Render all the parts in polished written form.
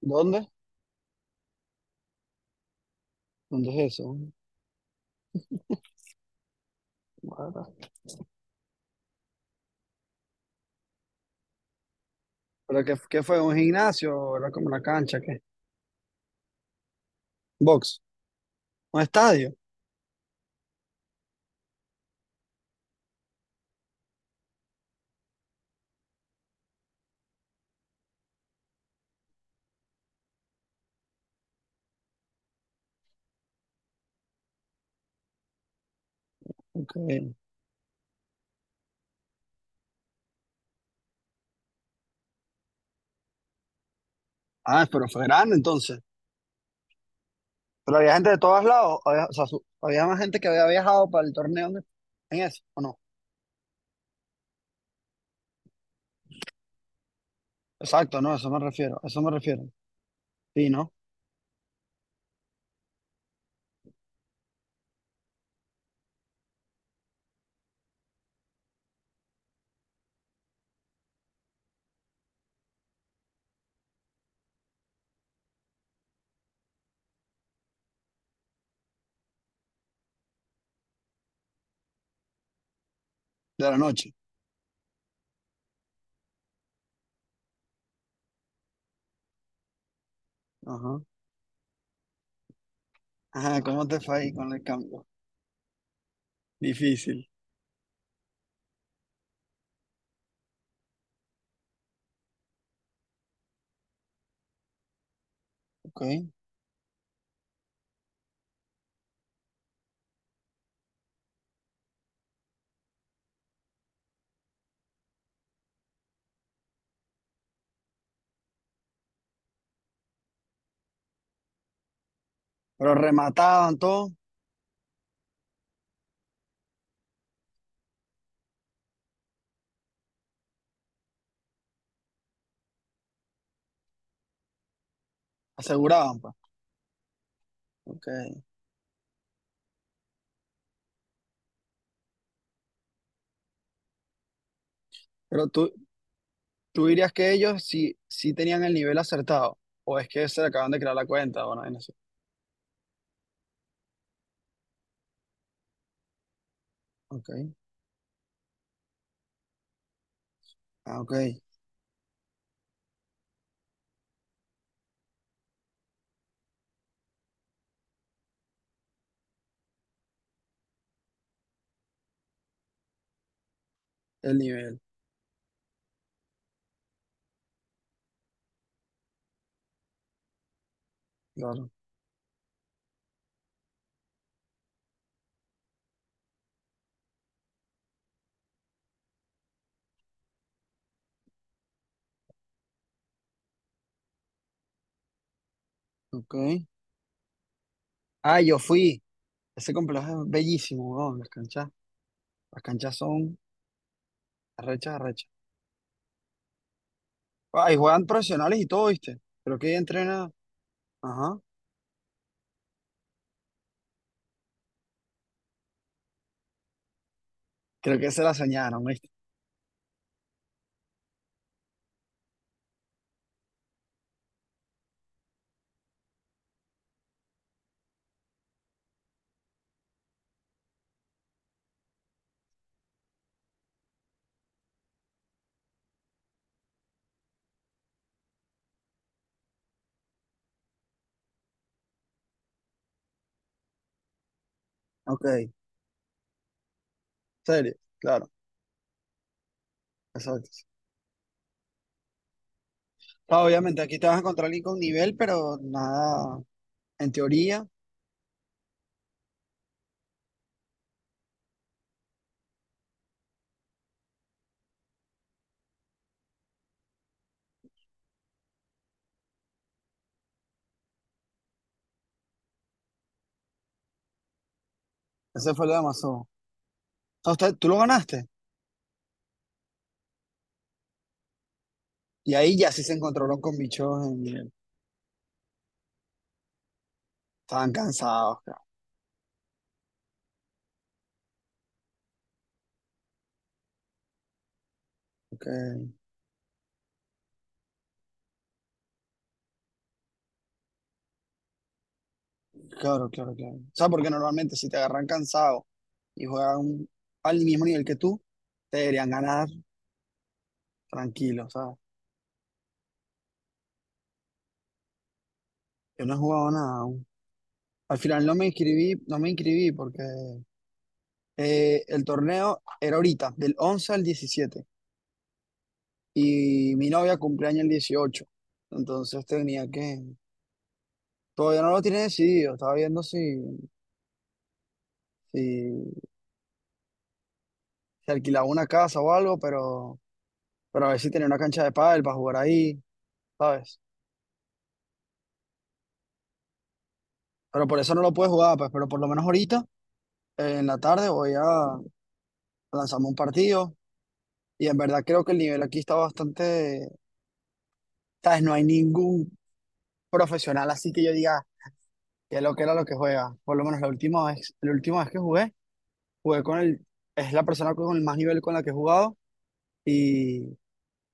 ¿Dónde? ¿Dónde es eso? Guarda. ¿Pero qué fue? ¿Un gimnasio? ¿Era como una cancha? ¿Qué? ¿Box? ¿Un estadio? Ok. Ah, pero fue grande entonces. Pero había gente de todos lados. Había, o sea, había más gente que había viajado para el torneo en eso, ¿o no? Exacto, no, a eso me refiero, a eso me refiero. Sí, ¿no? De la noche. Ajá. Ajá, ¿cómo te fue ahí con el cambio? Difícil. Ok. Pero remataban todo, aseguraban, pues. Ok. Pero tú, ¿tú dirías que ellos sí tenían el nivel acertado? ¿O es que se le acaban de crear la cuenta? Bueno, no sé. Ok. Ah, ok. El nivel. Claro. Ok. Ah, yo fui. Ese complejo es bellísimo, weón. Las canchas. Las canchas son arrechas, arrechas. Ah, y juegan profesionales y todo, ¿viste? Creo que entrena. Ajá. Creo que se la soñaron, ¿viste? Ok. Serio. Claro. Exacto. Ah, obviamente, aquí te vas a encontrar alguien con nivel, pero nada. En teoría, ese fue el de Amazon. Ah, ¿tú lo ganaste? Y ahí ya sí se encontraron con bichos. Estaban cansados, claro. Ok. Claro, claro, claro. O sea, porque normalmente si te agarran cansado y juegan al mismo nivel que tú, te deberían ganar tranquilo, o sea. Yo no he jugado nada aún. Al final no me inscribí, no me inscribí porque el torneo era ahorita, del 11 al 17. Y mi novia cumpleaños el 18. Entonces tenía que... Todavía no lo tiene decidido. Estaba viendo si, si alquilaba una casa o algo, pero a ver si tenía una cancha de pádel para jugar ahí, ¿sabes? Pero por eso no lo puedes jugar, pues, pero por lo menos ahorita, en la tarde, voy a lanzarme un partido. Y en verdad creo que el nivel aquí está bastante, ¿sabes? No hay ningún profesional así que yo diga que lo que era lo que juega. Por lo menos la última vez que jugué, jugué con el, es la persona con el más nivel con la que he jugado. Y,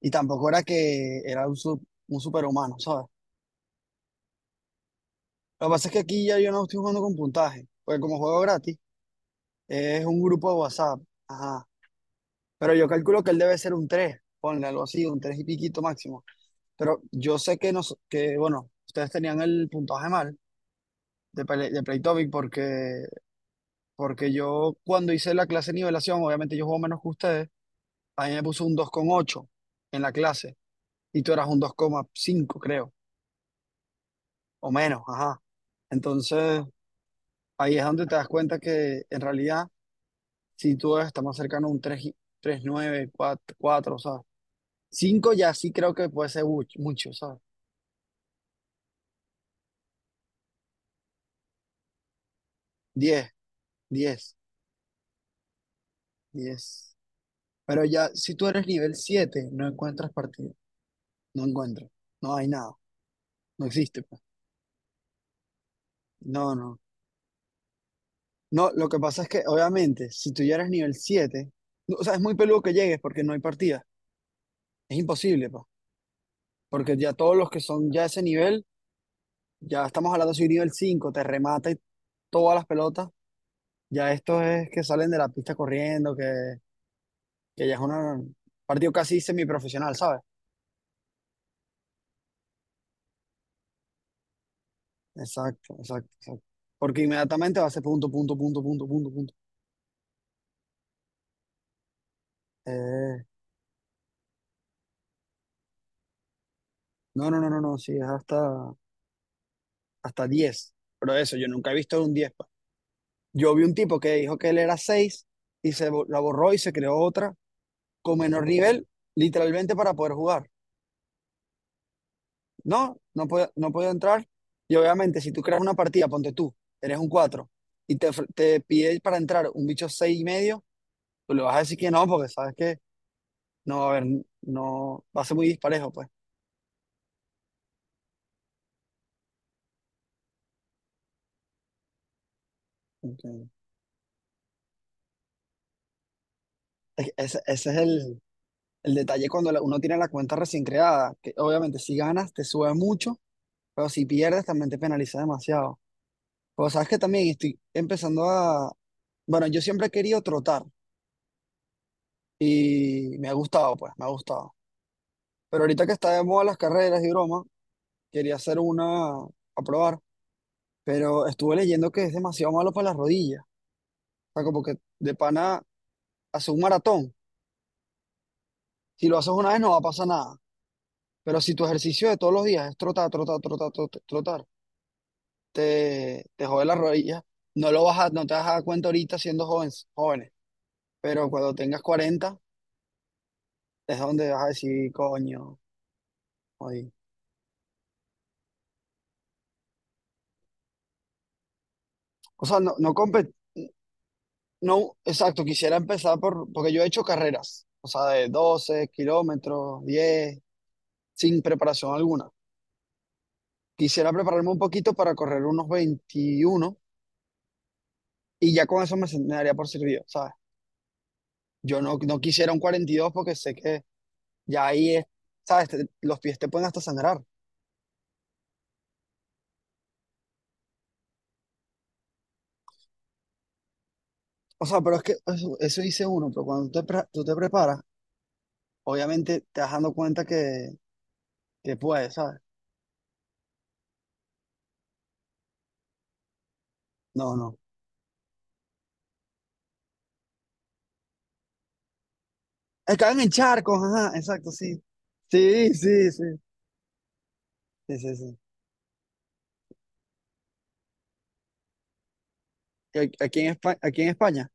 y tampoco era que era un, un superhumano, ¿sabes? Lo que pasa es que aquí ya yo no estoy jugando con puntaje, porque como juego gratis, es un grupo de WhatsApp. Ajá. Pero yo calculo que él debe ser un 3, ponle algo así, un 3 y piquito máximo. Pero yo sé que, que bueno, ustedes tenían el puntaje mal de, de Playtopic porque, porque yo cuando hice la clase de nivelación, obviamente yo juego menos que ustedes, a mí me puso un 2,8 en la clase y tú eras un 2,5 creo, o menos, ajá. Entonces, ahí es donde te das cuenta que en realidad, si tú estás más cercano a un 3, 3,9, 4, 4, cinco ya sí creo que puede ser mucho, ¿sabes? Diez, diez, diez. Pero ya, si tú eres nivel siete, no encuentras partido. No encuentras. No hay nada. No existe, pues. No, no. No, lo que pasa es que, obviamente, si tú ya eres nivel siete, no, o sea, es muy peludo que llegues porque no hay partida. Es imposible, pues. Porque ya todos los que son ya ese nivel, ya estamos hablando si un nivel cinco te remata y todas las pelotas, ya estos es que salen de la pista corriendo, que ya es un partido casi semiprofesional, ¿sabes? Exacto, exacto, exacto. Porque inmediatamente va a ser punto, punto, punto, punto, punto, punto. Eh, no, no, no, no, no, sí, es hasta, hasta 10. Pero eso, yo nunca he visto un 10 pa. Yo vi un tipo que dijo que él era 6 y la borró y se creó otra con menor nivel, literalmente para poder jugar. No, no puede, no puede entrar. Y obviamente, si tú creas una partida, ponte tú, eres un 4 y te pide para entrar un bicho 6 y medio, tú le vas a decir que no, porque sabes que no, va a haber, no, va a ser muy disparejo, pues. Ok. Ese, ese es el detalle cuando uno tiene la cuenta recién creada, que obviamente si ganas te sube mucho, pero si pierdes también te penaliza demasiado. Pero sabes que también estoy empezando a... Bueno, yo siempre he querido trotar y me ha gustado, pues, me ha gustado. Pero ahorita que está de moda las carreras y broma, quería hacer una a probar, pero estuve leyendo que es demasiado malo para las rodillas. O sea, como que de pana hacer un maratón, si lo haces una vez no va a pasar nada. Pero si tu ejercicio de todos los días es trotar, trotar, trotar, trotar, trotar, te jode la rodilla. No lo vas a, no te vas a dar cuenta ahorita siendo jóvenes, jóvenes, pero cuando tengas 40 es donde vas a decir, coño, oye". O sea, no, no, exacto, quisiera empezar por, porque yo he hecho carreras, o sea, de 12 kilómetros, 10 sin preparación alguna. Quisiera prepararme un poquito para correr unos 21 y ya con eso me, me daría por servido, ¿sabes? Yo no, no quisiera un 42 porque sé que ya ahí es, ¿sabes? Los pies te pueden hasta sangrar. O sea, pero es que eso dice uno, pero cuando tú tú te preparas, obviamente te vas dando cuenta que puedes, ¿sabes? No, no. Es que caen en charcos, ajá, exacto, sí. Sí, sí, sí. Sí, sí, sí. Y aquí aquí en España, aquí en España.